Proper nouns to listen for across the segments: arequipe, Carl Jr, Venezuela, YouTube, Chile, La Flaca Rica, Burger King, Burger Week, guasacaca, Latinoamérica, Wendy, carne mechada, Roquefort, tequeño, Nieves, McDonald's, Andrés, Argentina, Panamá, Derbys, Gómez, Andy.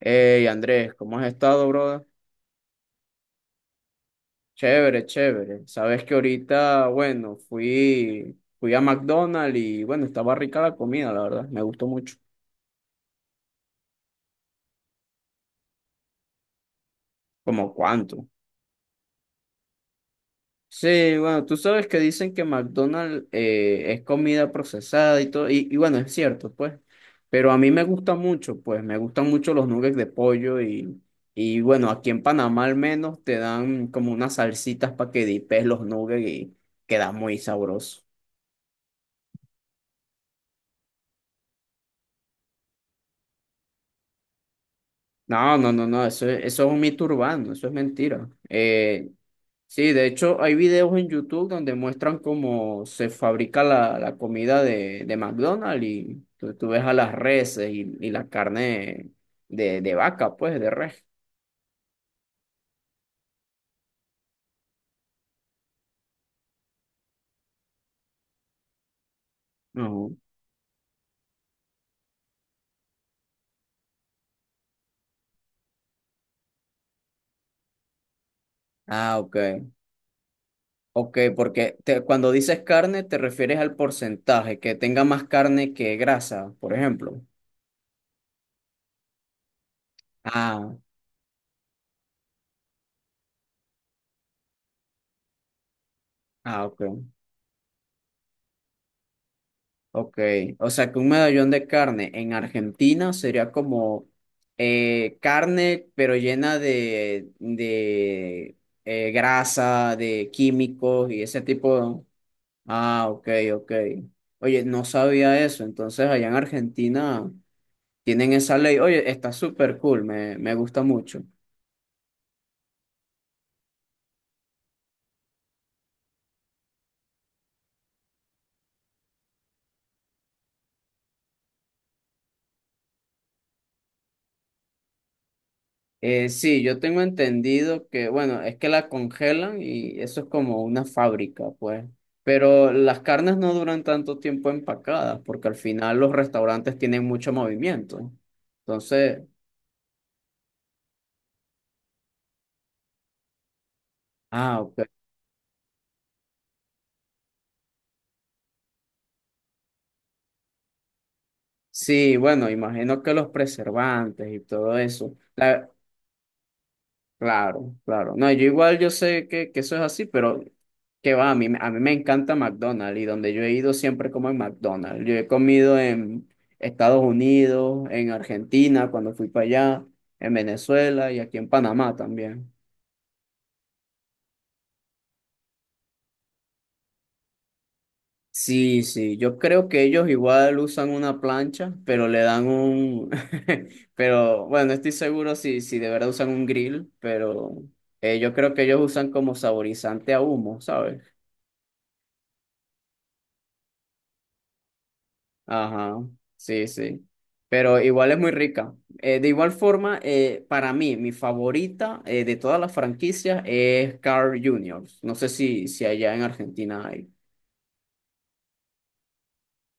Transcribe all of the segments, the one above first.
Hey Andrés, ¿cómo has estado, brother? Chévere, chévere. Sabes que ahorita, bueno, fui a McDonald's y bueno, estaba rica la comida, la verdad. Me gustó mucho. ¿Como cuánto? Sí, bueno, tú sabes que dicen que McDonald's es comida procesada y todo, y bueno, es cierto, pues. Pero a mí me gusta mucho, pues, me gustan mucho los nuggets de pollo y bueno, aquí en Panamá al menos te dan como unas salsitas para que dipes los nuggets y queda muy sabroso. No, no, no, no, eso, eso es un mito urbano, eso es mentira. Sí, de hecho hay videos en YouTube donde muestran cómo se fabrica la comida de McDonald's y tú ves a las reses y la carne de vaca, pues, de res. Ujú. Ah, ok, ok, porque cuando dices carne te refieres al porcentaje, que tenga más carne que grasa, por ejemplo. Ah, ah, ok. Ok, o sea que un medallón de carne en Argentina sería como carne pero llena de grasa, de químicos y ese tipo. Ah, ok, ok. Oye, no sabía eso, entonces allá en Argentina tienen esa ley. Oye, está súper cool, me gusta mucho. Sí, yo tengo entendido que, bueno, es que la congelan y eso es como una fábrica, pues. Pero las carnes no duran tanto tiempo empacadas porque al final los restaurantes tienen mucho movimiento. Entonces, ah, ok. Sí, bueno, imagino que los preservantes y todo eso. La- Claro, claro. No, yo igual yo sé que eso es así, pero que va, a mí me encanta McDonald's y donde yo he ido siempre como en McDonald's. Yo he comido en Estados Unidos, en Argentina cuando fui para allá, en Venezuela y aquí en Panamá también. Sí, sí, yo creo que ellos igual usan una plancha, pero le dan un, pero bueno, estoy seguro si de verdad usan un grill, pero yo creo que ellos usan como saborizante a humo, ¿sabes? Ajá, sí, sí. Pero igual es muy rica. De igual forma, para mí, mi favorita de todas las franquicias es Carl Jr. No sé si, si allá en Argentina hay.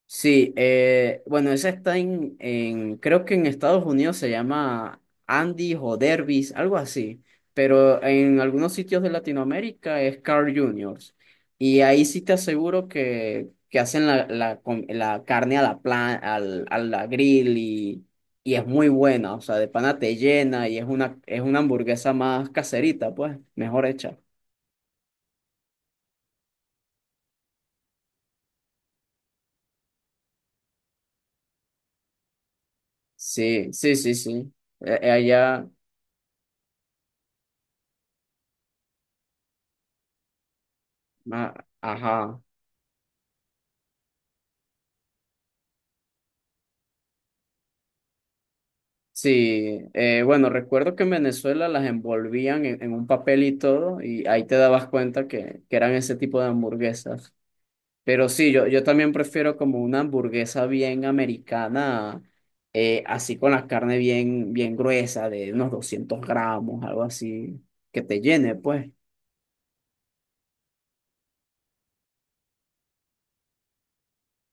Sí, bueno, esa está en, creo que en Estados Unidos se llama Andy o Derbys, algo así, pero en algunos sitios de Latinoamérica es Carl Juniors. Y ahí sí te aseguro que hacen la carne a a la grill y es muy buena, o sea, de pana te llena y es una hamburguesa más caserita, pues, mejor hecha. Sí, sí, sí, sí. Allá, ah, ajá. Sí, bueno, recuerdo que en Venezuela las envolvían en un papel y todo, y ahí te dabas cuenta que eran ese tipo de hamburguesas. Pero sí, yo también prefiero como una hamburguesa bien americana, así con la carne bien, bien gruesa, de unos 200 gramos, algo así, que te llene, pues.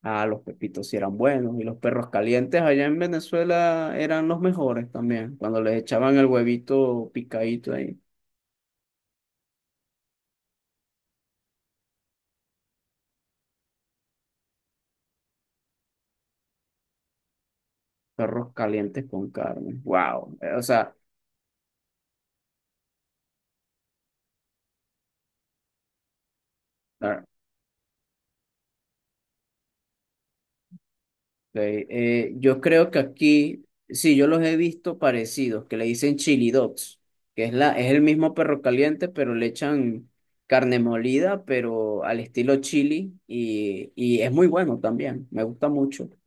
Ah, los pepitos sí eran buenos, y los perros calientes allá en Venezuela eran los mejores también, cuando les echaban el huevito picadito ahí. Perros calientes con carne. Wow. O sea, ah, ok. Yo creo que aquí, sí, yo los he visto parecidos, que le dicen chili dogs, que es la, es el mismo perro caliente, pero le echan carne molida, pero al estilo chili, y es muy bueno también. Me gusta mucho.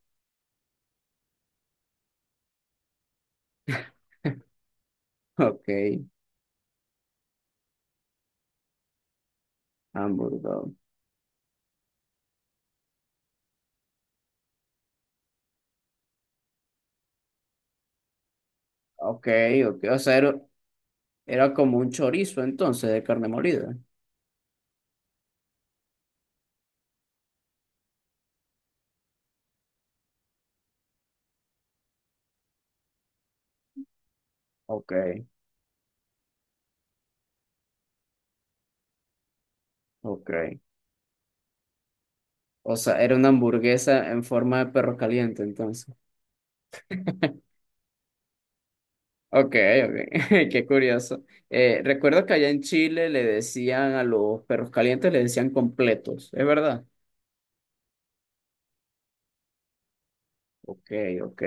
Ok, hamburger. Dog. Ok, ok. O sea, era, era como un chorizo entonces de carne molida. Ok, ok. O sea, era una hamburguesa en forma de perro caliente entonces. Ok, ok, qué curioso. Recuerdo que allá en Chile le decían a los perros calientes, le decían completos, ¿es verdad? Ok, ok.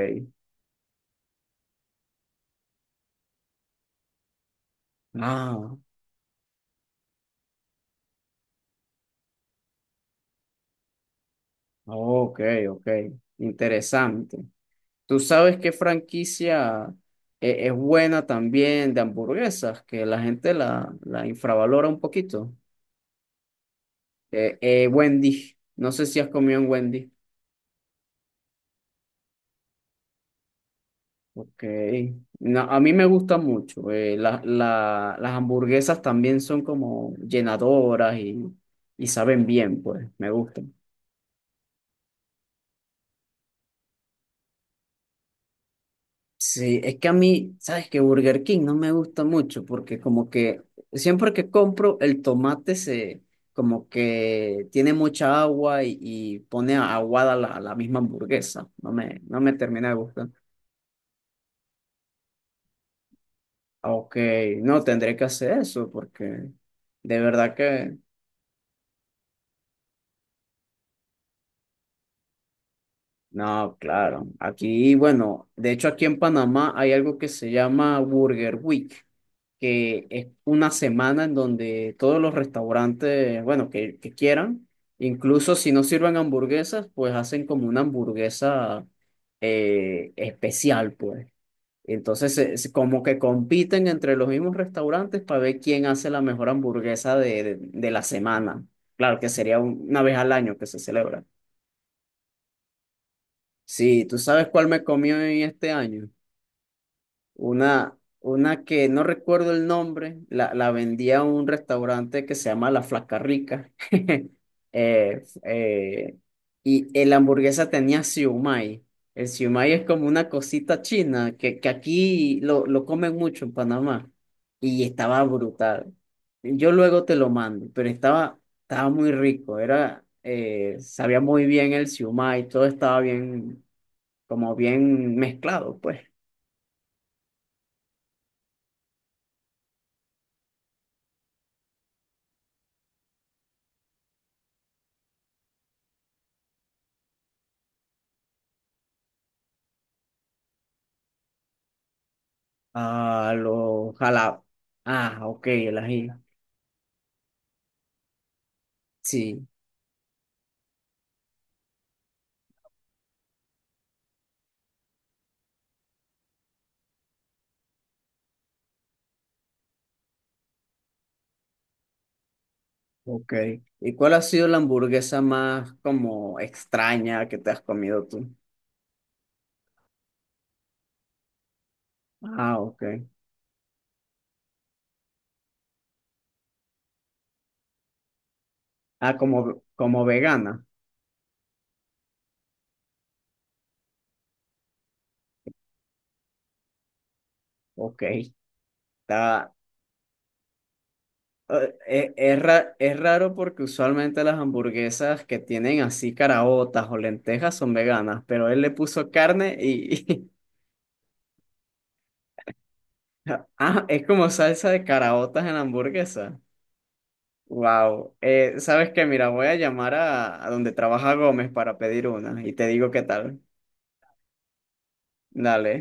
Ah, ok, ok. Interesante. ¿Tú sabes qué franquicia es buena también de hamburguesas? Que la gente la, la infravalora un poquito. Wendy. No sé si has comido en Wendy. Ok. No, a mí me gusta mucho. La- la- las hamburguesas también son como llenadoras y saben bien, pues, me gustan. Sí, es que a mí, ¿sabes que Burger King no me gusta mucho porque como que siempre que compro el tomate se como que tiene mucha agua y pone aguada la, la misma hamburguesa. No me, no me termina de gustar. Ok, no, tendré que hacer eso porque de verdad que... No, claro. Aquí, bueno, de hecho aquí en Panamá hay algo que se llama Burger Week, que es una semana en donde todos los restaurantes, bueno, que quieran, incluso si no sirven hamburguesas, pues hacen como una hamburguesa especial, pues. Entonces, como que compiten entre los mismos restaurantes para ver quién hace la mejor hamburguesa de la semana. Claro que sería una vez al año que se celebra. Sí, ¿tú sabes cuál me comió en este año? Una que no recuerdo el nombre, la vendía a un restaurante que se llama La Flaca Rica. Eh, eh, y el hamburguesa tenía siumay. El siumay es como una cosita china que aquí lo comen mucho en Panamá. Y estaba brutal. Yo luego te lo mando, pero estaba, estaba muy rico. Era, sabía muy bien el siumay, todo estaba bien como bien mezclado, pues. A los jalados. Ah, ok, el ají. Sí, ok. ¿Y cuál ha sido la hamburguesa más como extraña que te has comido tú? Ah, ok. Ah, como, como vegana. Ok. Está, es raro porque usualmente las hamburguesas que tienen así caraotas o lentejas son veganas, pero él le puso carne y... Ah, es como salsa de caraotas en la hamburguesa. Wow. ¿Sabes qué? Mira, voy a llamar a donde trabaja Gómez para pedir una y te digo qué tal. Dale.